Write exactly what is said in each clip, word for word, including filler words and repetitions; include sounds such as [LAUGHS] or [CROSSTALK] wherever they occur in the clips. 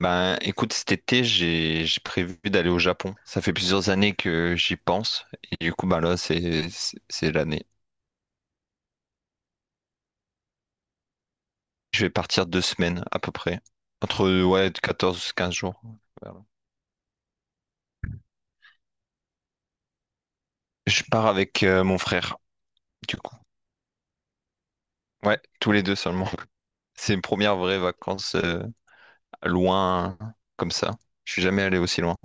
Ben, écoute, cet été, j'ai j'ai prévu d'aller au Japon. Ça fait plusieurs années que j'y pense, et du coup, ben là, c'est c'est c'est l'année. Je vais partir deux semaines à peu près, entre ouais quatorze quinze jours. Voilà. Je pars avec euh, mon frère, du coup. Ouais, tous les deux seulement. [LAUGHS] C'est mes premières vraies vacances euh, loin comme ça. Je suis jamais allé aussi loin.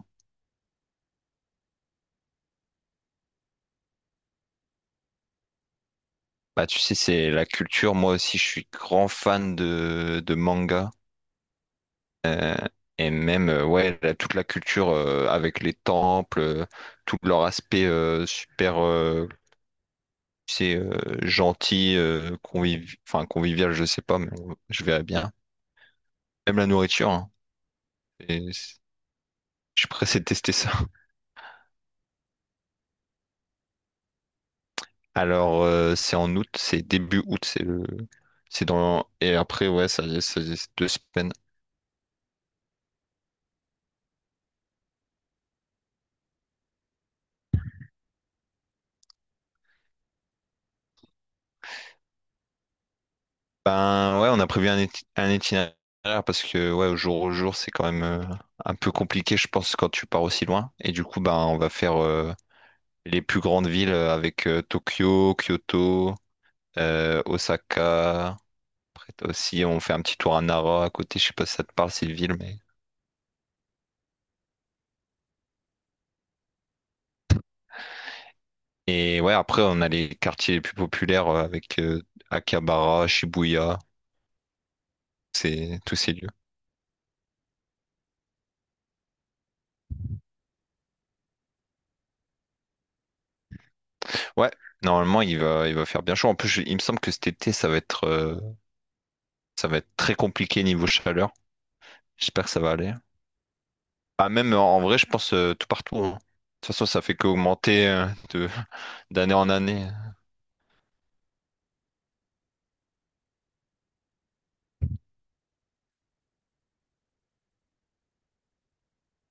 Bah, tu sais, c'est la culture. Moi aussi, je suis grand fan de de manga. Et même, euh, ouais, la- toute la culture euh, avec les temples, euh, tout leur aspect euh, super, euh, tu sais, euh, gentil, euh, conviv- enfin, convivial, je sais pas, mais on- je verrais bien. Même la nourriture, hein. Et c'est- je suis pressé de tester ça. [LAUGHS] Alors, euh, c'est en août, c'est début août, c'est le... c'est dans... Et après, ouais, ça ça c'est deux semaines. Ben, ouais, on a prévu un, iti- un itinéraire parce que, ouais, au jour au jour, c'est quand même euh, un peu compliqué, je pense, quand tu pars aussi loin. Et du coup, ben, on va faire... euh, les plus grandes villes euh, avec euh, Tokyo, Kyoto, euh, Osaka. Après t'as aussi, on fait un petit tour à Nara à côté. Je sais pas si ça te parle, cette ville, mais. Et ouais, après, on a les quartiers les plus populaires euh, avec euh, Akihabara, Shibuya, c'est tous ces lieux. Ouais, normalement, il va, il va faire bien chaud. En plus, je- il me semble que cet été, ça va être, euh, ça va être très compliqué niveau chaleur. J'espère que ça va aller. Ah, même en en vrai, je pense euh, tout partout. Hein. De toute façon, ça fait qu'augmenter euh, de [LAUGHS] d'année en année.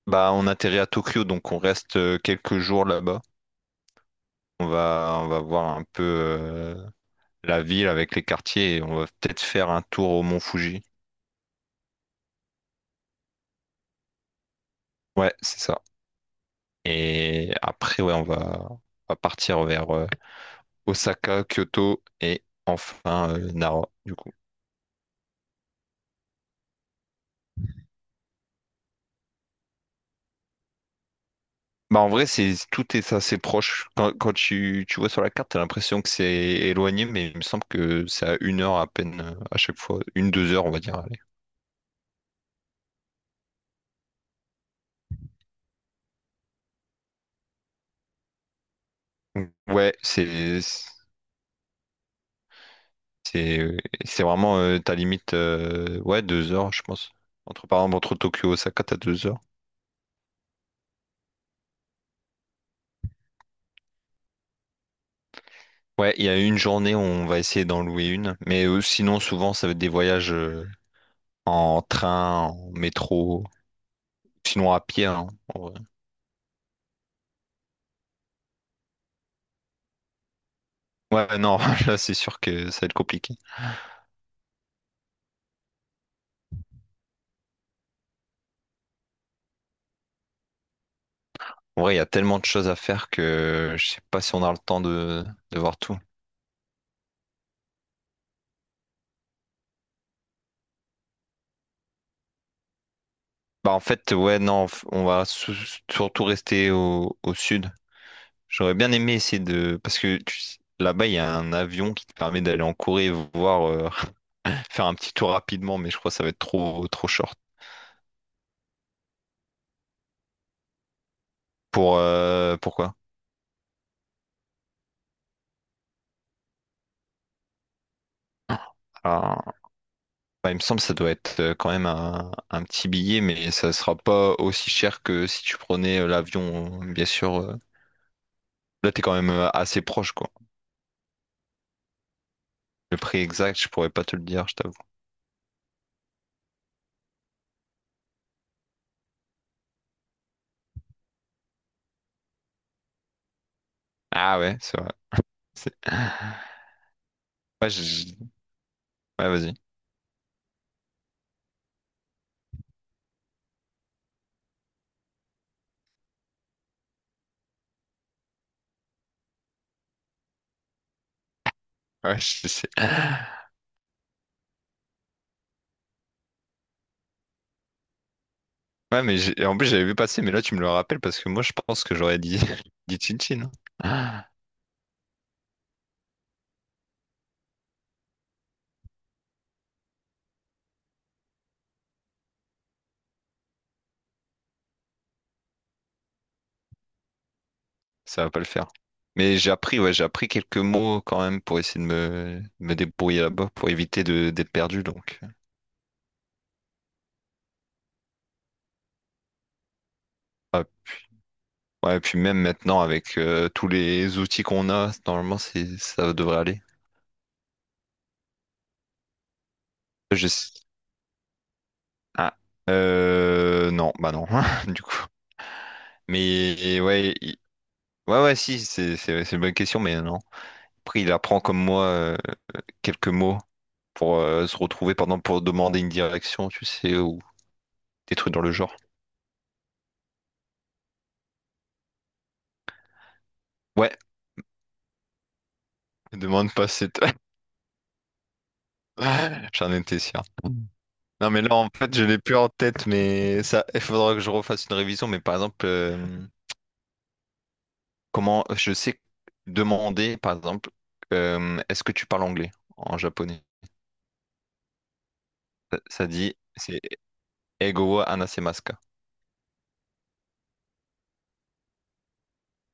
Bah, on atterrit à Tokyo, donc on reste euh, quelques jours là-bas. On va, on va voir un peu euh, la ville avec les quartiers et on va peut-être faire un tour au mont Fuji. Ouais, c'est ça. Et après, ouais, on va, on va partir vers euh, Osaka, Kyoto et enfin euh, Nara, du coup. Bah, en vrai, c'est, tout est assez proche. Quand, quand tu, tu vois sur la carte, t'as l'impression que c'est éloigné, mais il me semble que c'est à une heure à peine euh, à chaque fois. Une, deux heures, on va dire. Allez. Ouais, c'est C'est c'est vraiment euh, ta limite, euh, ouais, deux heures, je pense. Entre, par exemple, entre Tokyo et Osaka, t'as deux heures. Ouais, il y a une journée où on va essayer d'en louer une. Mais euh, sinon, souvent, ça va être des voyages euh, en train, en métro, sinon à pied, hein, en vrai. Ouais, non, [LAUGHS] là, c'est sûr que ça va être compliqué. En vrai, il y a tellement de choses à faire que je sais pas si on a le temps de, de voir tout. Bah, en fait, ouais, non, on va sou- surtout rester au, au sud. J'aurais bien aimé essayer de... Parce que tu sais, là-bas, il y a un avion qui te permet d'aller en Corée, voir, euh, [LAUGHS] faire un petit tour rapidement, mais je crois que ça va être trop, trop short. Pour, euh, pourquoi? Alors, bah, il me semble que ça doit être euh, quand même un, un petit billet, mais ça sera pas aussi cher que si tu prenais euh, l'avion, bien sûr. euh. Là, t'es quand même euh, assez proche, quoi. Le prix exact, je pourrais pas te le dire, je t'avoue. Ah ouais, c'est vrai. C'est- [LAUGHS] Ouais, je- je- ouais, vas-y. Ouais, je sais. Ouais, mais j'ai- en plus, j'avais vu passer, mais là, tu me le rappelles parce que moi, je pense que j'aurais dit, [LAUGHS] dit Chin Chin. Ah, ça va pas le faire. Mais j'ai appris, ouais, j'ai appris quelques mots quand même pour essayer de me, me débrouiller là-bas, pour éviter de d'être perdu, donc. Ouais, ouais, et puis même maintenant, avec euh, tous les outils qu'on a, normalement, c'est, ça devrait aller. Je... sais- Ah, euh, non, bah non, [LAUGHS] du coup. Mais ouais, il- ouais, ouais, si, c'est c'est- c'est une bonne question, mais non. Après, il apprend comme moi euh, quelques mots. Pour euh, se retrouver par exemple pour demander une direction, tu sais, ou des trucs dans le genre. Ouais, demande pas cette. [LAUGHS] J'en étais sûr. Non, mais là, en fait, je l'ai plus en tête, mais ça, il faudra que je refasse une révision. Mais par exemple, euh, comment je sais demander, par exemple, euh, est-ce que tu parles anglais en japonais? Ça, ça dit, c'est Ego wa hanasemasu ka.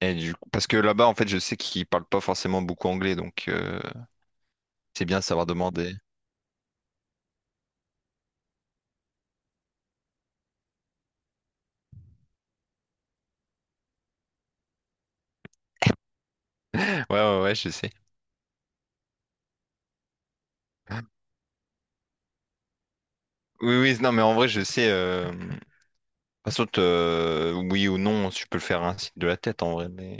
Et du coup- parce que là-bas, en fait, je sais qu'ils parlent pas forcément beaucoup anglais, donc euh, c'est bien de savoir demander. Ouais, ouais, ouais, je sais. Oui, oui, non, mais en vrai, je sais. Euh... Par contre, euh, oui ou non, tu peux le faire ainsi de la tête, en vrai. Mais...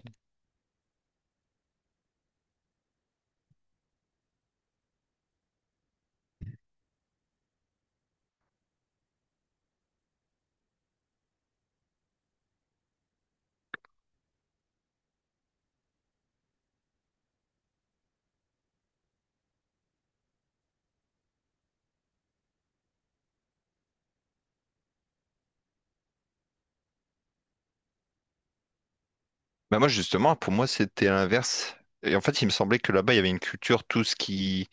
Bah moi, justement, pour moi, c'était l'inverse. Et en fait, il me semblait que là-bas, il y avait une culture, tout ce qui...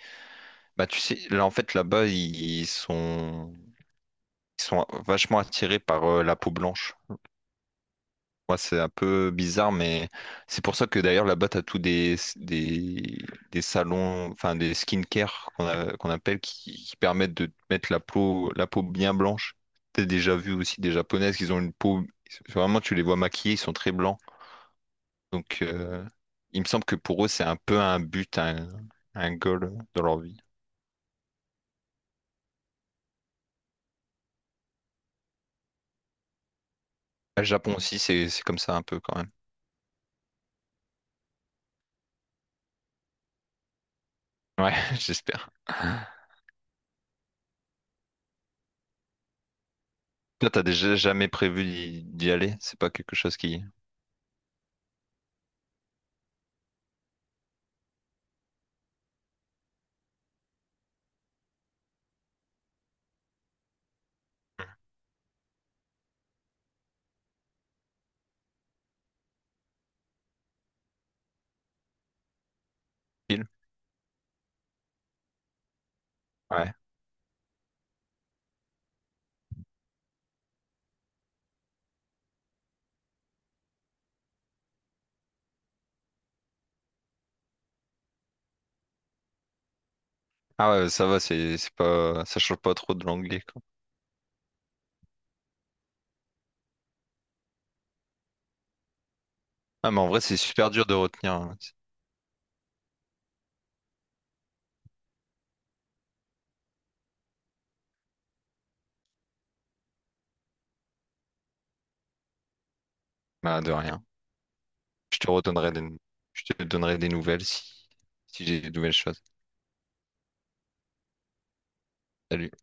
Bah, tu sais, là, en fait, là-bas, ils sont... ils sont vachement attirés par euh, la peau blanche. Moi, c'est un peu bizarre, mais c'est pour ça que d'ailleurs là-bas, t'as tous des, des, des salons, enfin des skincare qu'on a- qu'on appelle qui, qui permettent de te mettre la peau, la peau bien blanche. T'as déjà vu aussi des japonaises qui ont une peau, vraiment, tu les vois maquillées, ils sont très blancs. Donc, euh, il me semble que pour eux, c'est un peu un but, un, un goal dans leur vie. Le Japon aussi, c'est c'est comme ça un peu quand même. Ouais, [LAUGHS] j'espère. Toi, t'as déjà jamais prévu d'y d'y aller? C'est pas quelque chose qui. qui- Ouais. Ah ouais, ça va, c'est c'est pas ça change pas trop de l'anglais quoi. Ah mais en vrai, c'est super dur de retenir. Hein. Bah de rien. Je te redonnerai des je te donnerai des nouvelles si si j'ai des nouvelles choses. Salut.